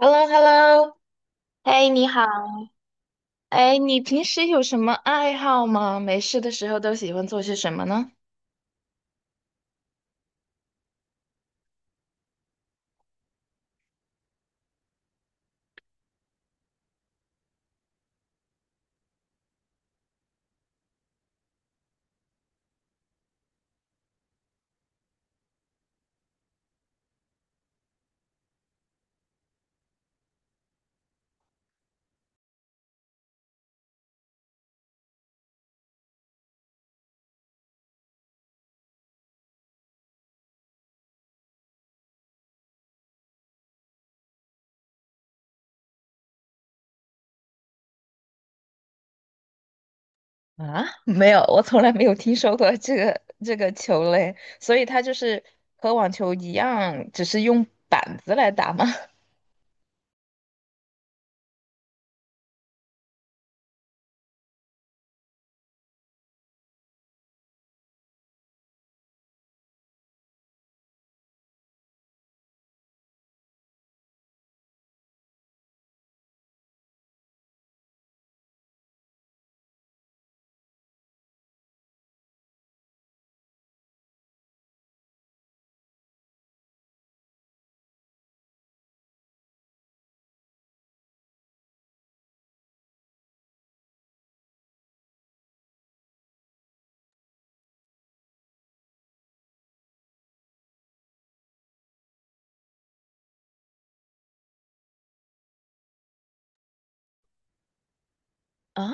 h e l l o h e l l o 嘿，你好。哎，你平时有什么爱好吗？没事的时候都喜欢做些什么呢？啊，没有，我从来没有听说过这个球类，所以它就是和网球一样，只是用板子来打吗？啊，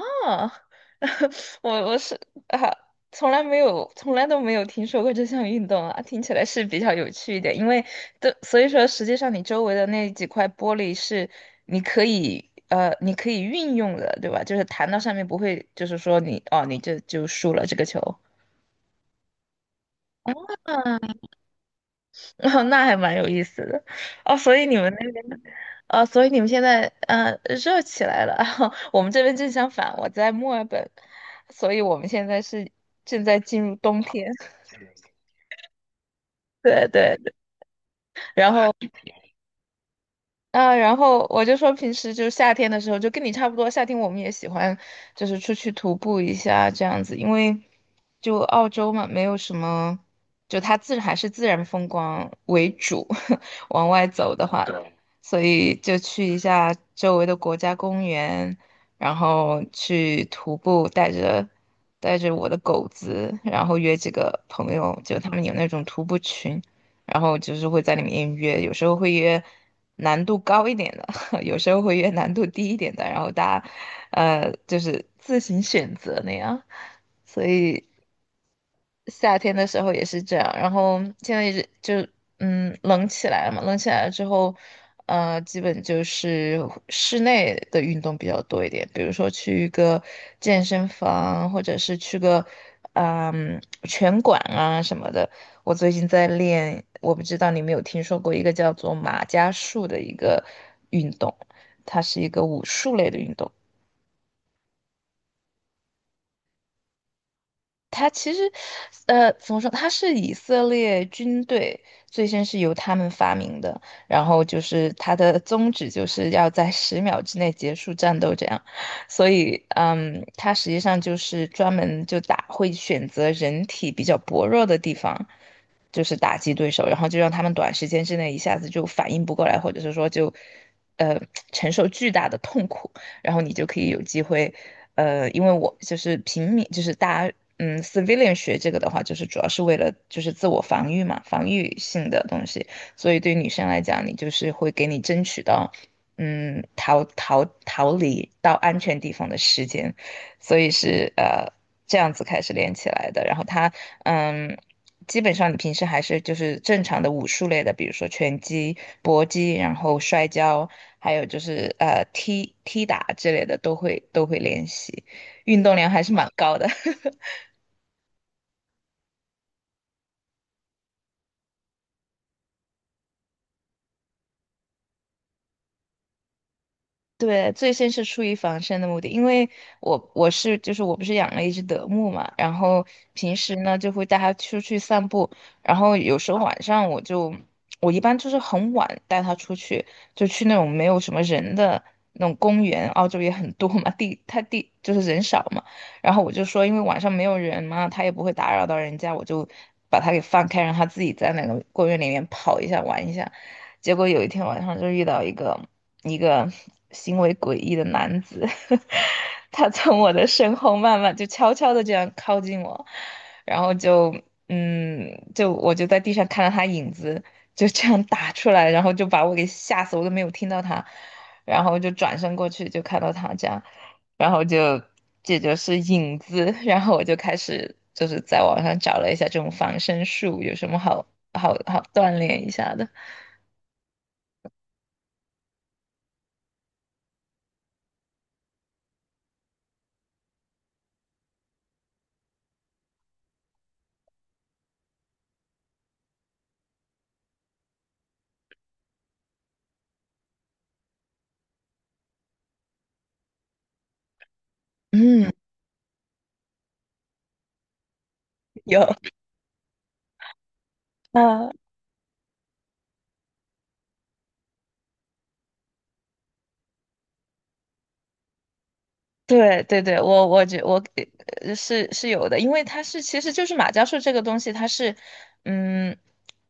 我啊，从来没有，从来都没有听说过这项运动啊，听起来是比较有趣一点，因为都所以说，实际上你周围的那几块玻璃是你可以运用的，对吧？就是弹到上面不会，就是说你你这就输了这个球。哦，那还蛮有意思的哦。所以你们那边，所以你们现在热起来了。我们这边正相反，我在墨尔本，所以我们现在是正在进入冬天。对对对，然后我就说平时就是夏天的时候，就跟你差不多，夏天我们也喜欢就是出去徒步一下这样子，因为就澳洲嘛，没有什么，就它还是自然风光为主，往外走的话，所以就去一下周围的国家公园，然后去徒步，带着我的狗子，然后约几个朋友，就他们有那种徒步群。然后就是会在里面约，有时候会约难度高一点的，有时候会约难度低一点的，然后大家就是自行选择那样，所以。夏天的时候也是这样，然后现在一直就冷起来了嘛，冷起来了之后，基本就是室内的运动比较多一点，比如说去一个健身房，或者是去个拳馆啊什么的。我最近在练，我不知道你有没有听说过一个叫做马伽术的一个运动，它是一个武术类的运动。它其实，怎么说？它是以色列军队最先是由他们发明的，然后就是它的宗旨就是要在十秒之内结束战斗，这样。所以，嗯，它实际上就是专门就打，会选择人体比较薄弱的地方，就是打击对手，然后就让他们短时间之内一下子就反应不过来，或者是说呃，承受巨大的痛苦。然后你就可以有机会，因为我就是平民，就是大家。嗯，civilian 学这个的话，就是主要是为了就是自我防御嘛，防御性的东西。所以对于女生来讲，你就是会给你争取到，嗯，逃离到安全地方的时间。所以是这样子开始连起来的。然后它，嗯。基本上你平时还是就是正常的武术类的，比如说拳击、搏击，然后摔跤，还有就是踢踢打之类的都会练习，运动量还是蛮高的。对，最先是出于防身的目的，因为我不是养了一只德牧嘛，然后平时呢就会带它出去散步，然后有时候晚上我就我一般就是很晚带它出去，就去那种没有什么人的那种公园，澳洲也很多嘛，地它地就是人少嘛，然后我就说因为晚上没有人嘛，它也不会打扰到人家，我就把它给放开，让它自己在那个公园里面跑一下玩一下。结果有一天晚上就遇到一个行为诡异的男子，他从我的身后慢慢就悄悄的这样靠近我，然后就嗯，就我就在地上看到他影子就这样打出来，然后就把我给吓死，我都没有听到他，然后就转身过去就看到他这样，然后就这就是影子，然后我就开始就是在网上找了一下这种防身术有什么好好锻炼一下的，嗯。有啊，对对对，我是有的，因为它是其实就是马伽术这个东西，它是嗯，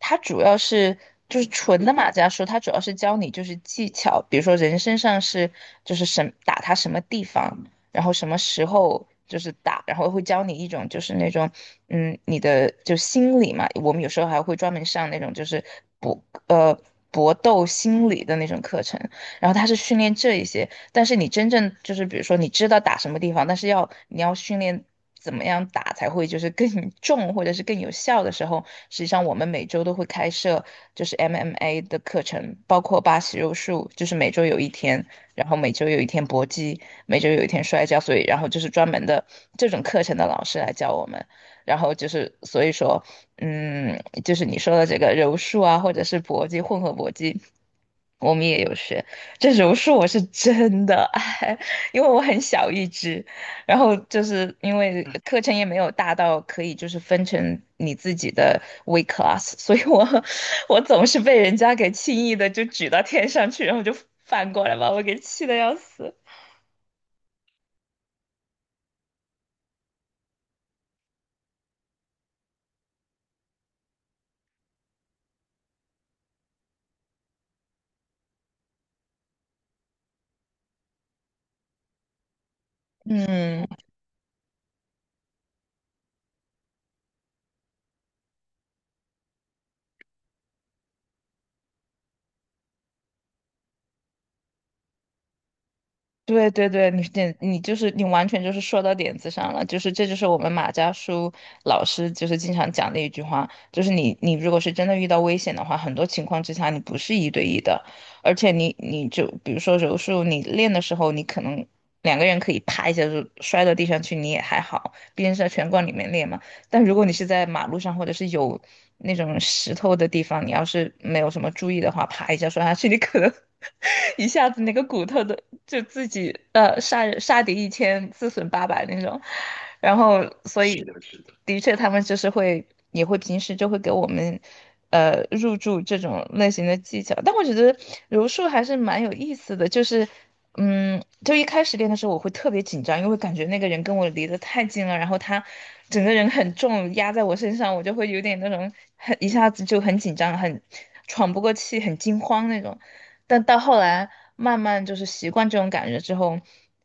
它主要是就是纯的马伽术，它主要是教你就是技巧，比如说人身上是就是什么打它什么地方，然后什么时候就是打，然后会教你一种就是那种嗯你的就心理嘛，我们有时候还会专门上那种就是搏呃搏斗心理的那种课程。然后他是训练这一些，但是你真正就是比如说你知道打什么地方，但是要你要训练怎么样打才会就是更重或者是更有效的时候，实际上我们每周都会开设就是 MMA 的课程，包括巴西柔术，就是每周有一天，然后每周有一天搏击，每周有一天摔跤，所以然后就是专门的这种课程的老师来教我们。然后就是，所以说，嗯，就是你说的这个柔术啊，或者是搏击，混合搏击，我们也有学。这柔术我是真的爱，因为我很小一只，然后就是因为课程也没有大到可以就是分成你自己的 w e class，所以我 我总是被人家给轻易的就举到天上去，然后就翻过来把我给气得要死。嗯，对对对，你完全就是说到点子上了，就是这就是我们马家书老师就是经常讲的一句话，就是你如果是真的遇到危险的话，很多情况之下你不是一对一的，而且你就比如说柔术，你练的时候你可能两个人可以啪一下就摔到地上去，你也还好，毕竟是在拳馆里面练嘛。但如果你是在马路上或者是有那种石头的地方，你要是没有什么注意的话，啪一下摔下去，你可能 一下子那个骨头都就自己杀人杀敌一千自损八百那种，然后所以是，的确他们就是会也会平时就会给我们入驻这种类型的技巧，但我觉得柔术还是蛮有意思的，就是就一开始练的时候我会特别紧张，因为感觉那个人跟我离得太近了，然后他整个人很重压在我身上，我就会有点那种很一下子就很紧张，很喘不过气，很惊慌那种。但到后来慢慢就是习惯这种感觉之后，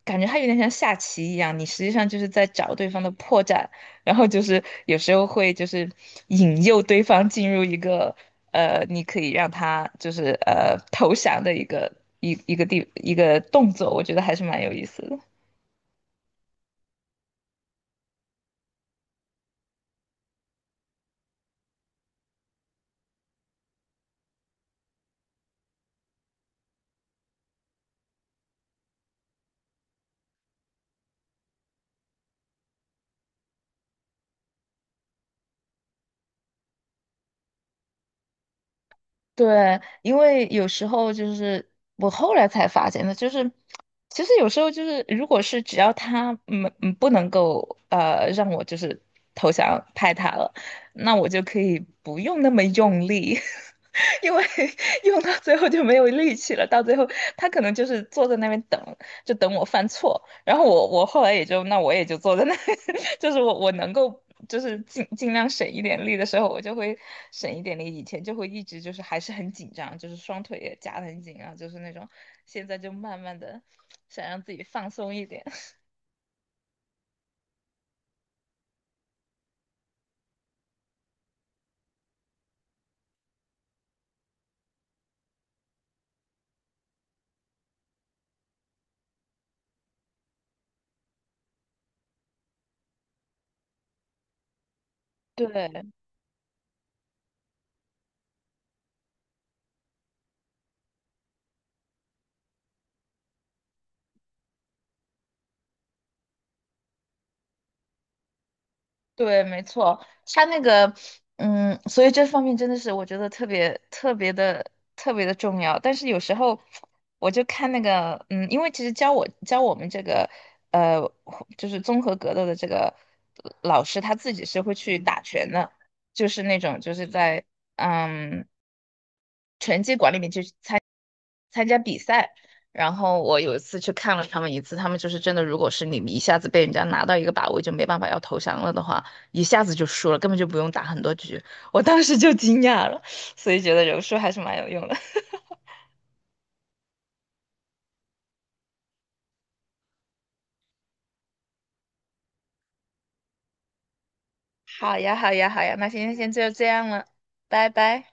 感觉它有点像下棋一样，你实际上就是在找对方的破绽，然后就是有时候会就是引诱对方进入一个你可以让他就是投降的一个一一个地一个动作，我觉得还是蛮有意思的。对，因为有时候就是我后来才发现的，就是其实有时候就是，如果是只要他不能够让我就是投降派他了，那我就可以不用那么用力。因为 用到最后就没有力气了，到最后他可能就是坐在那边等，就等我犯错。然后我后来也就那我也就坐在那里 就是我能够就是尽量省一点力的时候，我就会省一点力。以前就会一直就是还是很紧张，就是双腿也夹得很紧啊，就是那种。现在就慢慢的想让自己放松一点。对，对，没错，他那个，所以这方面真的是我觉得特别特别的特别的重要。但是有时候我就看那个，嗯，因为其实教我们这个，呃，就是综合格斗的这个老师，他自己是会去打拳的，就是那种就是在嗯参加比赛，然后我有一次去看了他们一次，他们就是真的，如果是你们一下子被人家拿到一个把位就没办法要投降了的话，一下子就输了，根本就不用打很多局。我当时就惊讶了，所以觉得柔术还是蛮有用的。好呀，好呀，好呀，那今天先就这样了，拜拜。